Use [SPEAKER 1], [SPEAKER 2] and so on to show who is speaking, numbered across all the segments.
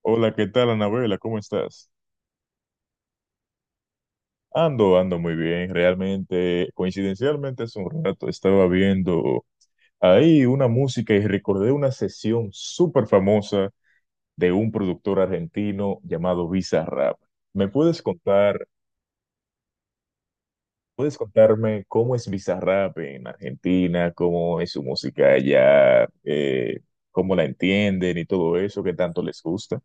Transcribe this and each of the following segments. [SPEAKER 1] Hola, ¿qué tal, Anabela? ¿Cómo estás? Ando muy bien. Realmente, coincidencialmente, hace un rato estaba viendo ahí una música y recordé una sesión súper famosa de un productor argentino llamado Bizarrap. ¿Me puedes contar, puedes contarme cómo es Bizarrap en Argentina, cómo es su música allá, cómo la entienden y todo eso, ¿qué tanto les gusta?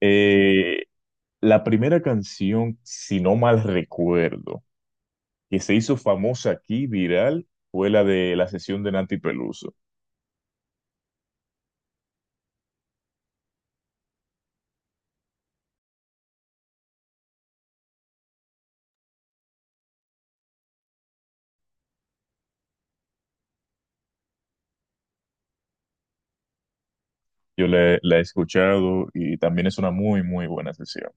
[SPEAKER 1] Eh, la primera canción, si no mal recuerdo, que se hizo famosa aquí, viral, fue la de la sesión de Nancy Peluso. Yo la he escuchado y también es una muy, muy buena sesión.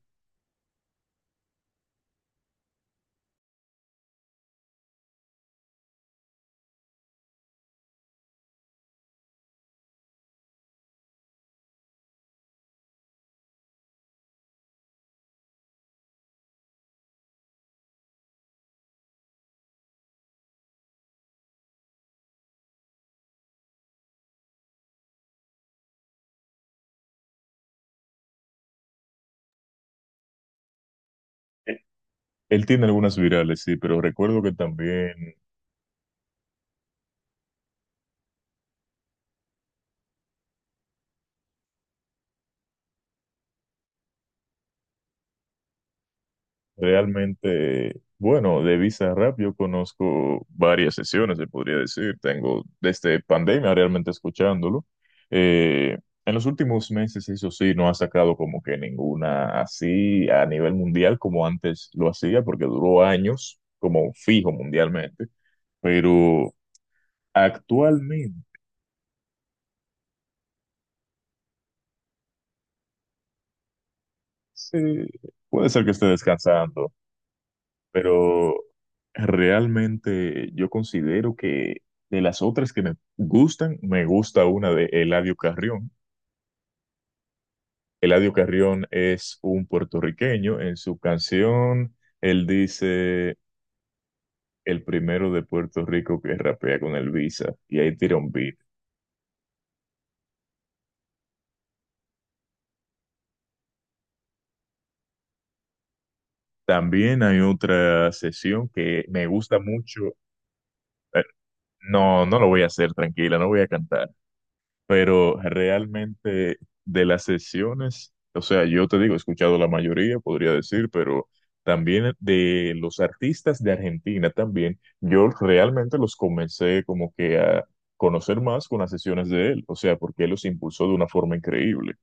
[SPEAKER 1] Eh, Él tiene algunas virales, sí, pero recuerdo que también. Realmente, bueno, de Bizarrap yo conozco varias sesiones, se podría decir. Tengo desde pandemia realmente escuchándolo. Eh, en los últimos meses, eso sí, no ha sacado como que ninguna así a nivel mundial como antes lo hacía, porque duró años como fijo mundialmente. Pero actualmente sí, puede ser que esté descansando, pero realmente yo considero que, de las otras que me gustan, me gusta una de Eladio Carrión. Eladio Carrión es un puertorriqueño. En su canción, él dice, el primero de Puerto Rico que rapea con el Visa, y ahí tira un beat. También hay otra sesión que me gusta mucho. Eh, No, no lo voy a hacer, tranquila, no voy a cantar. Pero realmente, de las sesiones, o sea, yo te digo, he escuchado la mayoría, podría decir, pero también de los artistas de Argentina también, yo realmente los comencé como que a conocer más con las sesiones de él, o sea, porque él los impulsó de una forma increíble.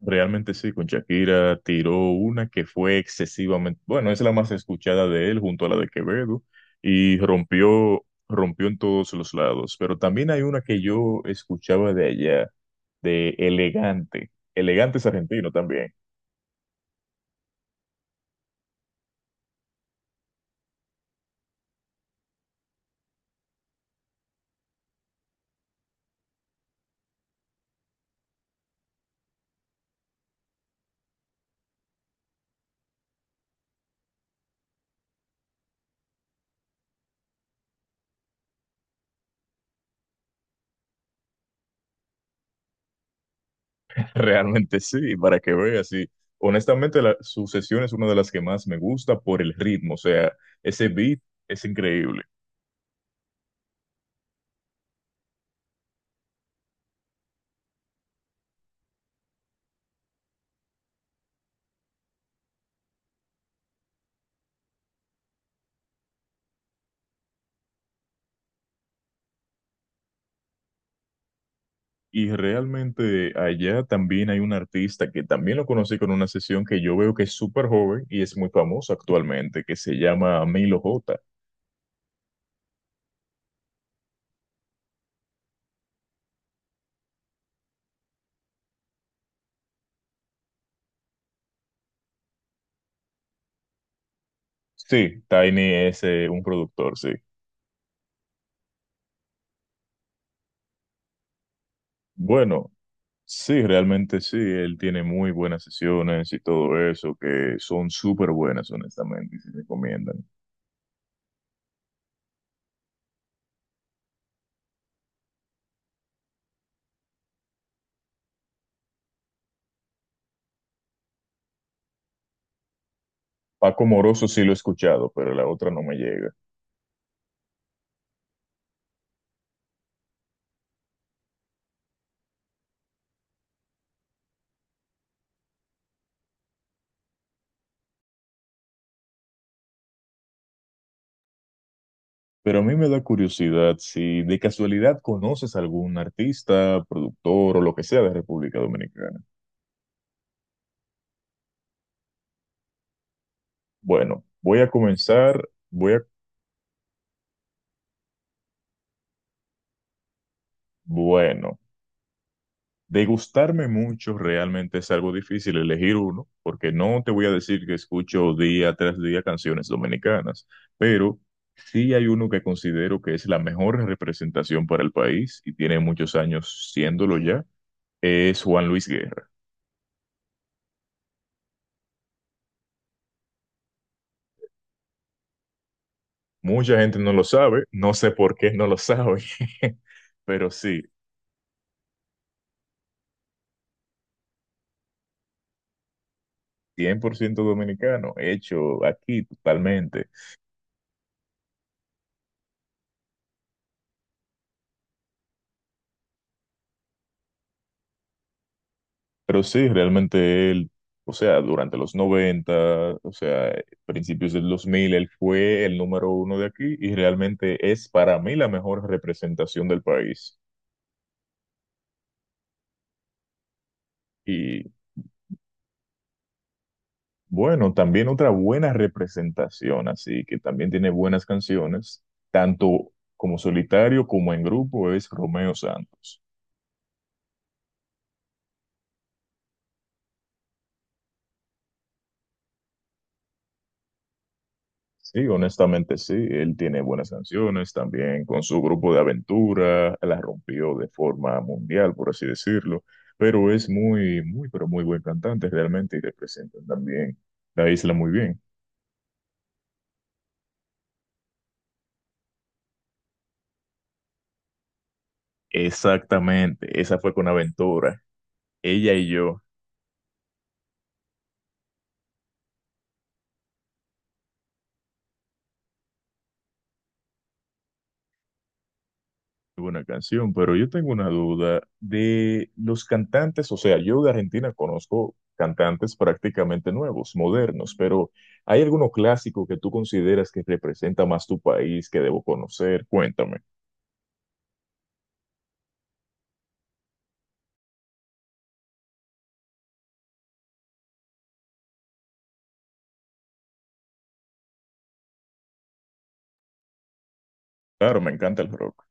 [SPEAKER 1] Realmente sí, con Shakira tiró una que fue excesivamente, bueno, es la más escuchada de él junto a la de Quevedo y rompió en todos los lados. Pero también hay una que yo escuchaba de allá, de Elegante. Elegante es argentino también. Realmente sí, para que veas. Y honestamente su sesión es una de las que más me gusta por el ritmo, o sea, ese beat es increíble. Y realmente allá también hay un artista que también lo conocí con una sesión, que yo veo que es súper joven y es muy famoso actualmente, que se llama Milo J. Sí, Tiny es un productor, sí. Bueno, sí, realmente sí, él tiene muy buenas sesiones y todo eso, que son súper buenas, honestamente, y se recomiendan. Paco Moroso sí lo he escuchado, pero la otra no me llega. Pero a mí me da curiosidad si de casualidad conoces algún artista, productor o lo que sea de República Dominicana. Bueno, voy a comenzar, voy a, bueno, degustarme mucho realmente es algo difícil, elegir uno, porque no te voy a decir que escucho día tras día canciones dominicanas, pero sí hay uno que considero que es la mejor representación para el país y tiene muchos años siéndolo ya, es Juan Luis Guerra. Mucha gente no lo sabe, no sé por qué no lo sabe, pero sí, 100% dominicano, hecho aquí totalmente. Pero sí, realmente él, o sea, durante los 90, o sea, principios del 2000, él fue el número uno de aquí y realmente es para mí la mejor representación del país. Y bueno, también otra buena representación, así que también tiene buenas canciones, tanto como solitario como en grupo, es Romeo Santos. Sí, honestamente sí, él tiene buenas canciones también con su grupo de aventura, la rompió de forma mundial, por así decirlo, pero es muy, muy, pero muy buen cantante realmente y representa también la isla muy bien. Exactamente, esa fue con Aventura, ella y yo. Buena canción, pero yo tengo una duda de los cantantes, o sea, yo de Argentina conozco cantantes prácticamente nuevos, modernos, pero ¿hay alguno clásico que tú consideras que representa más tu país que debo conocer? Cuéntame. Claro, me encanta el rock.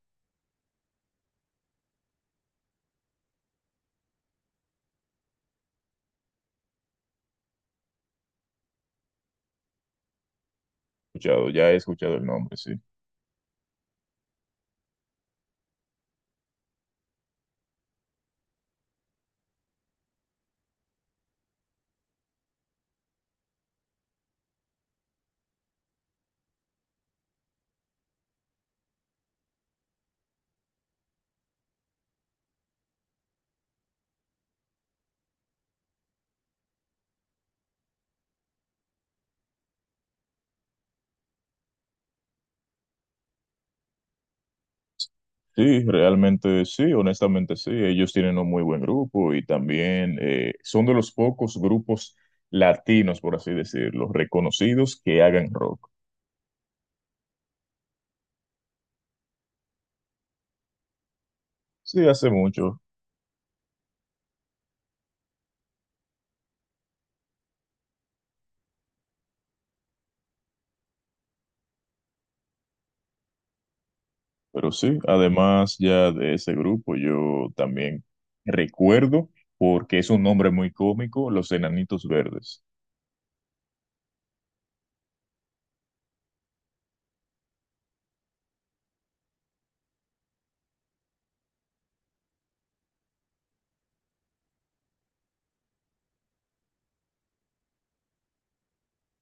[SPEAKER 1] Escuchado, ya he escuchado el nombre, sí. Sí, realmente sí, honestamente sí. Ellos tienen un muy buen grupo y también son de los pocos grupos latinos, por así decirlo, reconocidos que hagan rock. Sí, hace mucho. Pero sí, además ya de ese grupo yo también recuerdo, porque es un nombre muy cómico, Los Enanitos Verdes.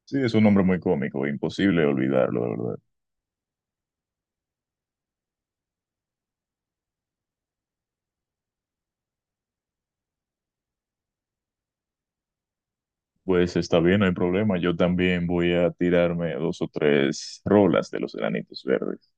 [SPEAKER 1] Sí, es un nombre muy cómico, imposible olvidarlo, de verdad. Pues está bien, no hay problema. Yo también voy a tirarme dos o tres rolas de Los Enanitos Verdes.